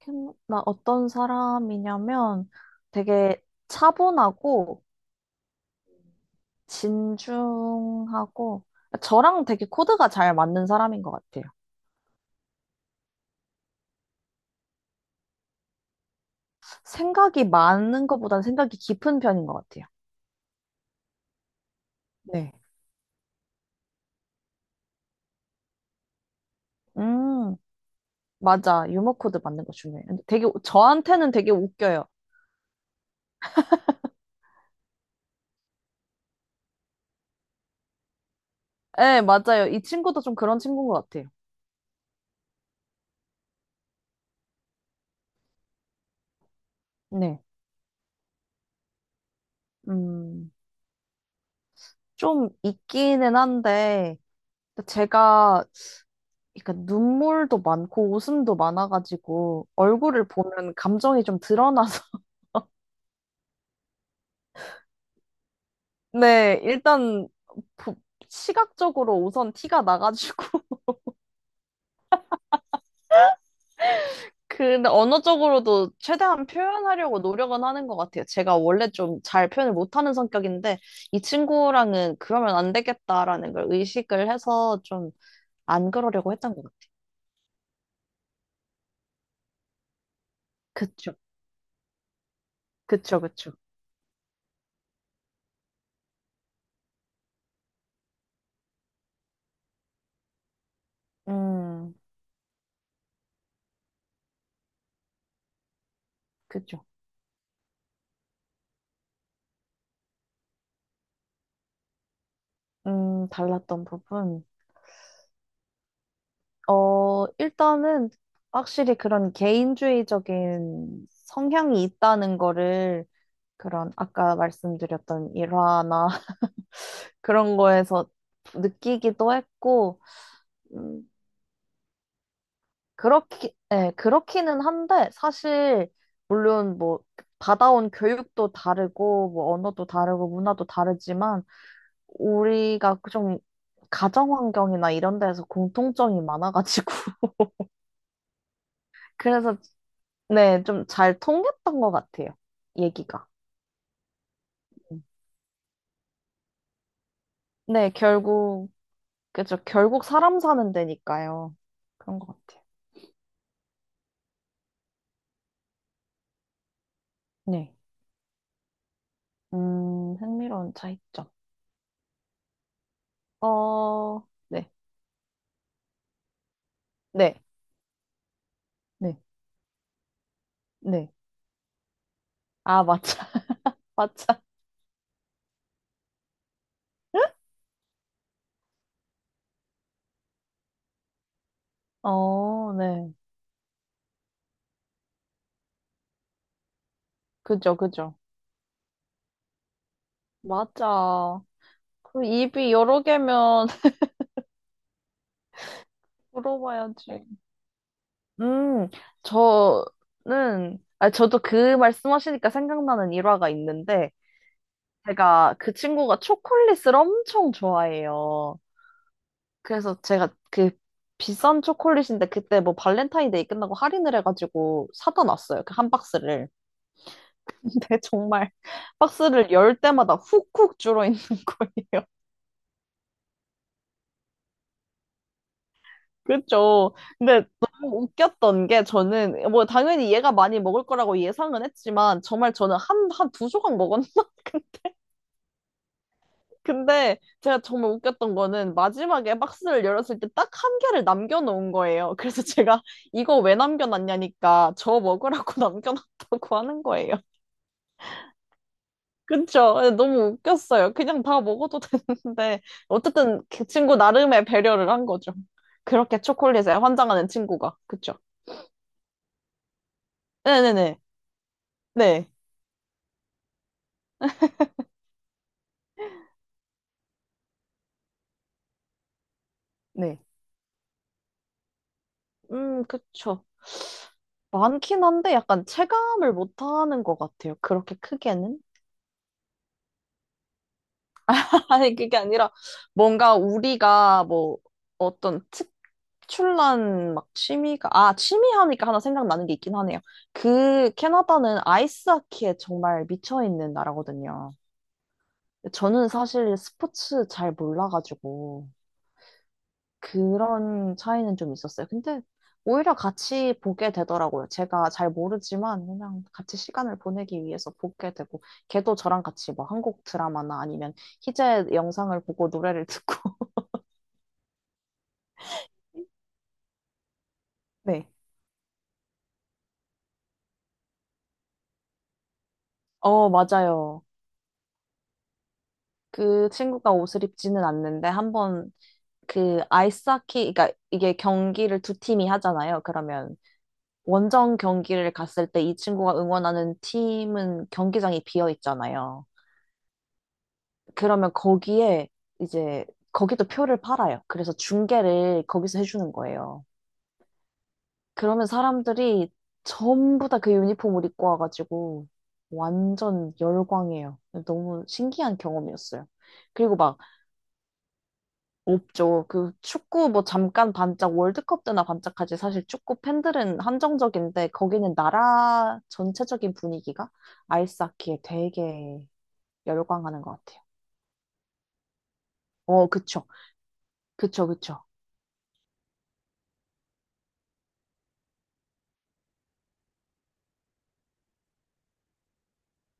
나 어떤 사람이냐면 되게 차분하고 진중하고 저랑 되게 코드가 잘 맞는 사람인 것 같아요. 생각이 많은 것보다는 생각이 깊은 편인 것 같아요. 네. 음, 맞아. 유머 코드 맞는 거 중요해요. 근데 되게 저한테는 되게 웃겨요. 네, 맞아요. 이 친구도 좀 그런 친구인 것 같아요. 네. 음, 좀 있기는 한데 제가 그러니까 눈물도 많고 웃음도 많아가지고 얼굴을 보면 감정이 좀 드러나서 네, 일단 보- 시각적으로 우선 티가 나가지고 근데 언어적으로도 최대한 표현하려고 노력은 하는 것 같아요. 제가 원래 좀 잘 표현을 못하는 성격인데 이 친구랑은 그러면 안 되겠다라는 걸 의식을 해서 좀 안 그러려고 했던 것 같아요. 그쵸, 그쵸, 그쵸. 음, 그쵸. 달랐던 부분. 어, 일단은 확실히 그런 개인주의적인 성향이 있다는 거를 그런 아까 말씀드렸던 일화나 그런 거에서 느끼기도 했고, 음, 그렇기, 예, 그렇기는 한데, 사실, 물론 뭐, 받아온 교육도 다르고, 뭐, 언어도 다르고, 문화도 다르지만, 우리가 좀, 가정 환경이나 이런 데에서 공통점이 많아가지고, 그래서 네, 좀 잘 통했던 것 같아요. 얘기가. 음. 네, 결국, 그죠. 결국 사람 사는 데니까요. 그런 것 같아요. 네. 흥미로운 차이점. 어, 네, 네, 네. 네. 아, 맞아, 맞아. 어, 네. 그죠, 그죠. 맞아. 그 입이 여러 개면 물어봐야지. 음, 저는, 아, 저도 그 말씀하시니까 생각나는 일화가 있는데, 제가 그 친구가 초콜릿을 엄청 좋아해요. 그래서 제가 그 비싼 초콜릿인데 그때 뭐 발렌타인데이 끝나고 할인을 해가지고 사다 놨어요. 그 한 박스를. 근데 정말 박스를 열 때마다 훅훅 줄어 있는 거예요. 그렇죠. 근데 너무 웃겼던 게 저는 뭐 당연히 얘가 많이 먹을 거라고 예상은 했지만 정말 저는 한 두 조각 먹었나? 근데 제가 정말 웃겼던 거는 마지막에 박스를 열었을 때 딱 한 개를 남겨놓은 거예요. 그래서 제가 이거 왜 남겨놨냐니까 저 먹으라고 남겨놨다고 하는 거예요. 그쵸? 네, 너무 웃겼어요. 그냥 다 먹어도 되는데 어쨌든 그 친구 나름의 배려를 한 거죠. 그렇게 초콜릿에 환장하는 친구가. 그쵸? 네네네. 네. 네. 그쵸. 많긴 한데 약간 체감을 못하는 것 같아요. 그렇게 크게는. 아니, 그게 아니라, 뭔가 우리가 뭐, 어떤 특출난 막 취미가, 아, 취미 하니까 하나 생각나는 게 있긴 하네요. 그, 캐나다는 아이스하키에 정말 미쳐있는 나라거든요. 저는 사실 스포츠 잘 몰라가지고, 그런 차이는 좀 있었어요. 근데, 오히려 같이 보게 되더라고요. 제가 잘 모르지만, 그냥 같이 시간을 보내기 위해서 보게 되고, 걔도 저랑 같이 뭐 한국 드라마나 아니면 희재 영상을 보고 노래를 듣고, 네. 어, 맞아요. 그 친구가 옷을 입지는 않는데 한 번 그 아이스하키, 그러니까 이게 경기를 두 팀이 하잖아요. 그러면 원정 경기를 갔을 때 이 친구가 응원하는 팀은 경기장이 비어 있잖아요. 그러면 거기에 이제 거기도 표를 팔아요. 그래서 중계를 거기서 해주는 거예요. 그러면 사람들이 전부 다 그 유니폼을 입고 와가지고 완전 열광해요. 너무 신기한 경험이었어요. 그리고 막 없죠. 그 축구 뭐 잠깐 반짝 월드컵 때나 반짝하지 사실 축구 팬들은 한정적인데 거기는 나라 전체적인 분위기가 아이스하키에 되게 열광하는 것 같아요. 어, 그쵸. 그쵸, 그쵸.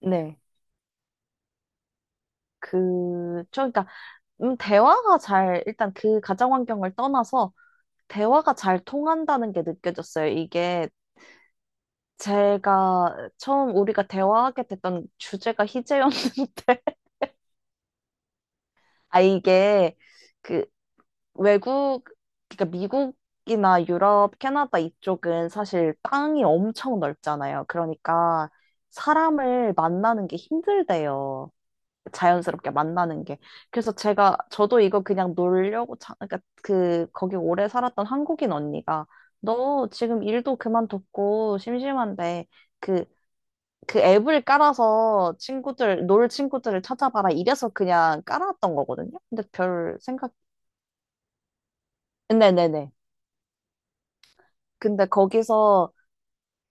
네. 그쵸. 그러니까 대화가 잘 일단 그 가정 환경을 떠나서 대화가 잘 통한다는 게 느껴졌어요. 이게 제가 처음 우리가 대화하게 됐던 주제가 희재였는데 아 이게 그 외국, 그러니까 미국이나 유럽, 캐나다 이쪽은 사실 땅이 엄청 넓잖아요. 그러니까 사람을 만나는 게 힘들대요. 자연스럽게 만나는 게. 그래서 제가, 저도 이거 그냥 놀려고, 자, 그러니까 그, 거기 오래 살았던 한국인 언니가 너 지금 일도 그만뒀고 심심한데 그, 그 앱을 깔아서 친구들, 놀 친구들을 찾아봐라. 이래서 그냥 깔아왔던 거거든요. 근데 별 생각, 네네네. 근데 거기서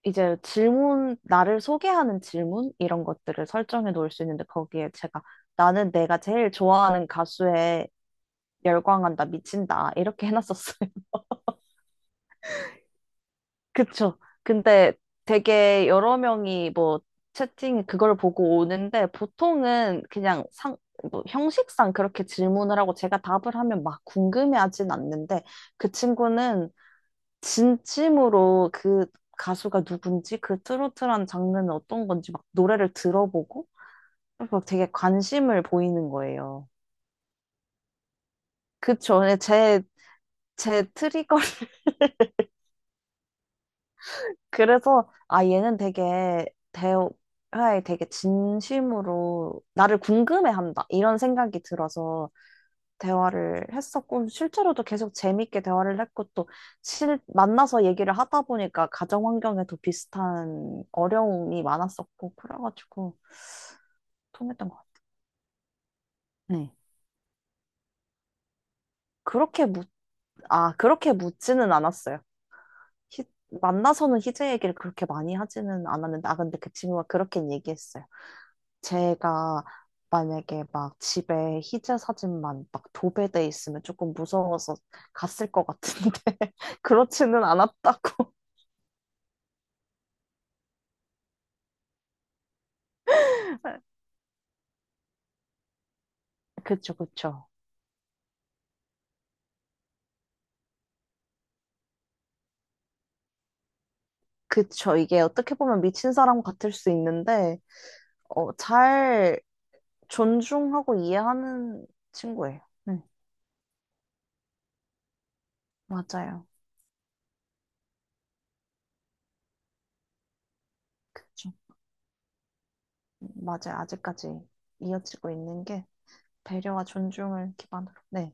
이제 질문, 나를 소개하는 질문? 이런 것들을 설정해 놓을 수 있는데 거기에 제가 나는 내가 제일 좋아하는 가수에 열광한다, 미친다. 이렇게 해놨었어요. 그쵸. 근데 되게 여러 명이 뭐 채팅 그걸 보고 오는데 보통은 그냥 상, 뭐 형식상 그렇게 질문을 하고 제가 답을 하면 막 궁금해하진 않는데 그 친구는 진심으로 그 가수가 누군지 그 트로트라는 장르는 어떤 건지 막 노래를 들어보고 막 되게 관심을 보이는 거예요. 그쵸. 제 트리거. 그래서 아, 얘는 되게 대화에 되게 진심으로 나를 궁금해한다. 이런 생각이 들어서 대화를 했었고, 실제로도 계속 재밌게 대화를 했고, 또 실, 만나서 얘기를 하다 보니까 가정 환경에도 비슷한 어려움이 많았었고, 그래가지고. 통했던 것 같아요. 네. 그렇게 묻, 아, 그렇게 묻지는 않았어요. 희- 만나서는 희재 얘기를 그렇게 많이 하지는 않았는데, 아, 근데 그 친구가 그렇게 얘기했어요. 제가 만약에 막 집에 희재 사진만 막 도배돼 있으면 조금 무서워서 갔을 것 같은데, 그렇지는 않았다고. 그쵸, 그쵸. 그쵸. 이게 어떻게 보면 미친 사람 같을 수 있는데, 어, 잘 존중하고 이해하는 친구예요. 네. 맞아요. 맞아요. 아직까지 이어지고 있는 게 배려와 존중을 기반으로. 네.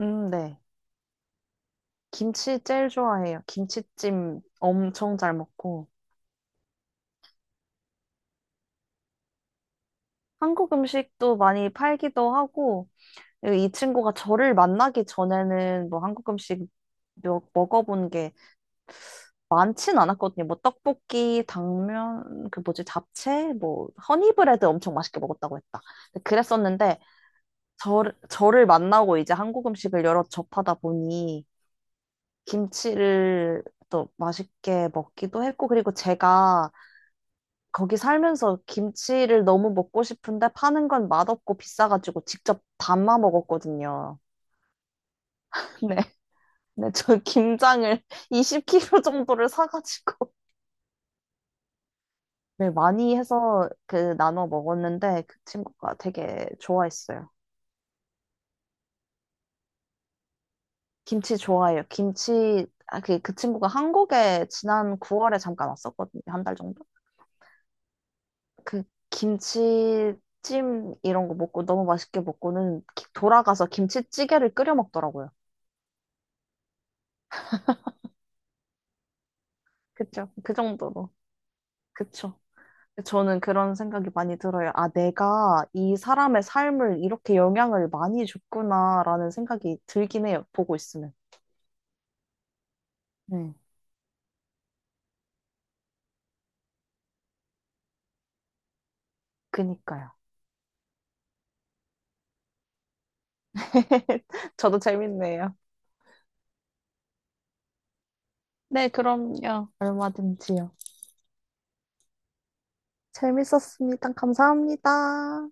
네. 김치 제일 좋아해요. 김치찜 엄청 잘 먹고. 한국 음식도 많이 팔기도 하고, 이 친구가 저를 만나기 전에는 뭐 한국 음식 먹어본 게 많진 않았거든요. 뭐 떡볶이, 당면, 그 뭐지, 잡채, 뭐 허니브레드 엄청 맛있게 먹었다고 했다. 그랬었는데, 저를 만나고 이제 한국 음식을 여러 접하다 보니, 김치를 또 맛있게 먹기도 했고, 그리고 제가 거기 살면서 김치를 너무 먹고 싶은데 파는 건 맛없고 비싸가지고 직접 담아 먹었거든요. 네. 네, 저 김장을 20kg 정도를 사가지고 네, 많이 해서 그 나눠 먹었는데 그 친구가 되게 좋아했어요. 김치 좋아해요. 김치, 아, 그, 그 친구가 한국에 지난 9월에 잠깐 왔었거든요. 한 달 정도? 그 김치찜 이런 거 먹고 너무 맛있게 먹고는 돌아가서 김치찌개를 끓여 먹더라고요. 그쵸? 그 정도로. 그쵸? 저는 그런 생각이 많이 들어요. 아, 내가 이 사람의 삶을 이렇게 영향을 많이 줬구나라는 생각이 들긴 해요. 보고 있으면. 네, 그니까요. 저도 재밌네요. 네, 그럼요. 얼마든지요. 재밌었습니다. 감사합니다.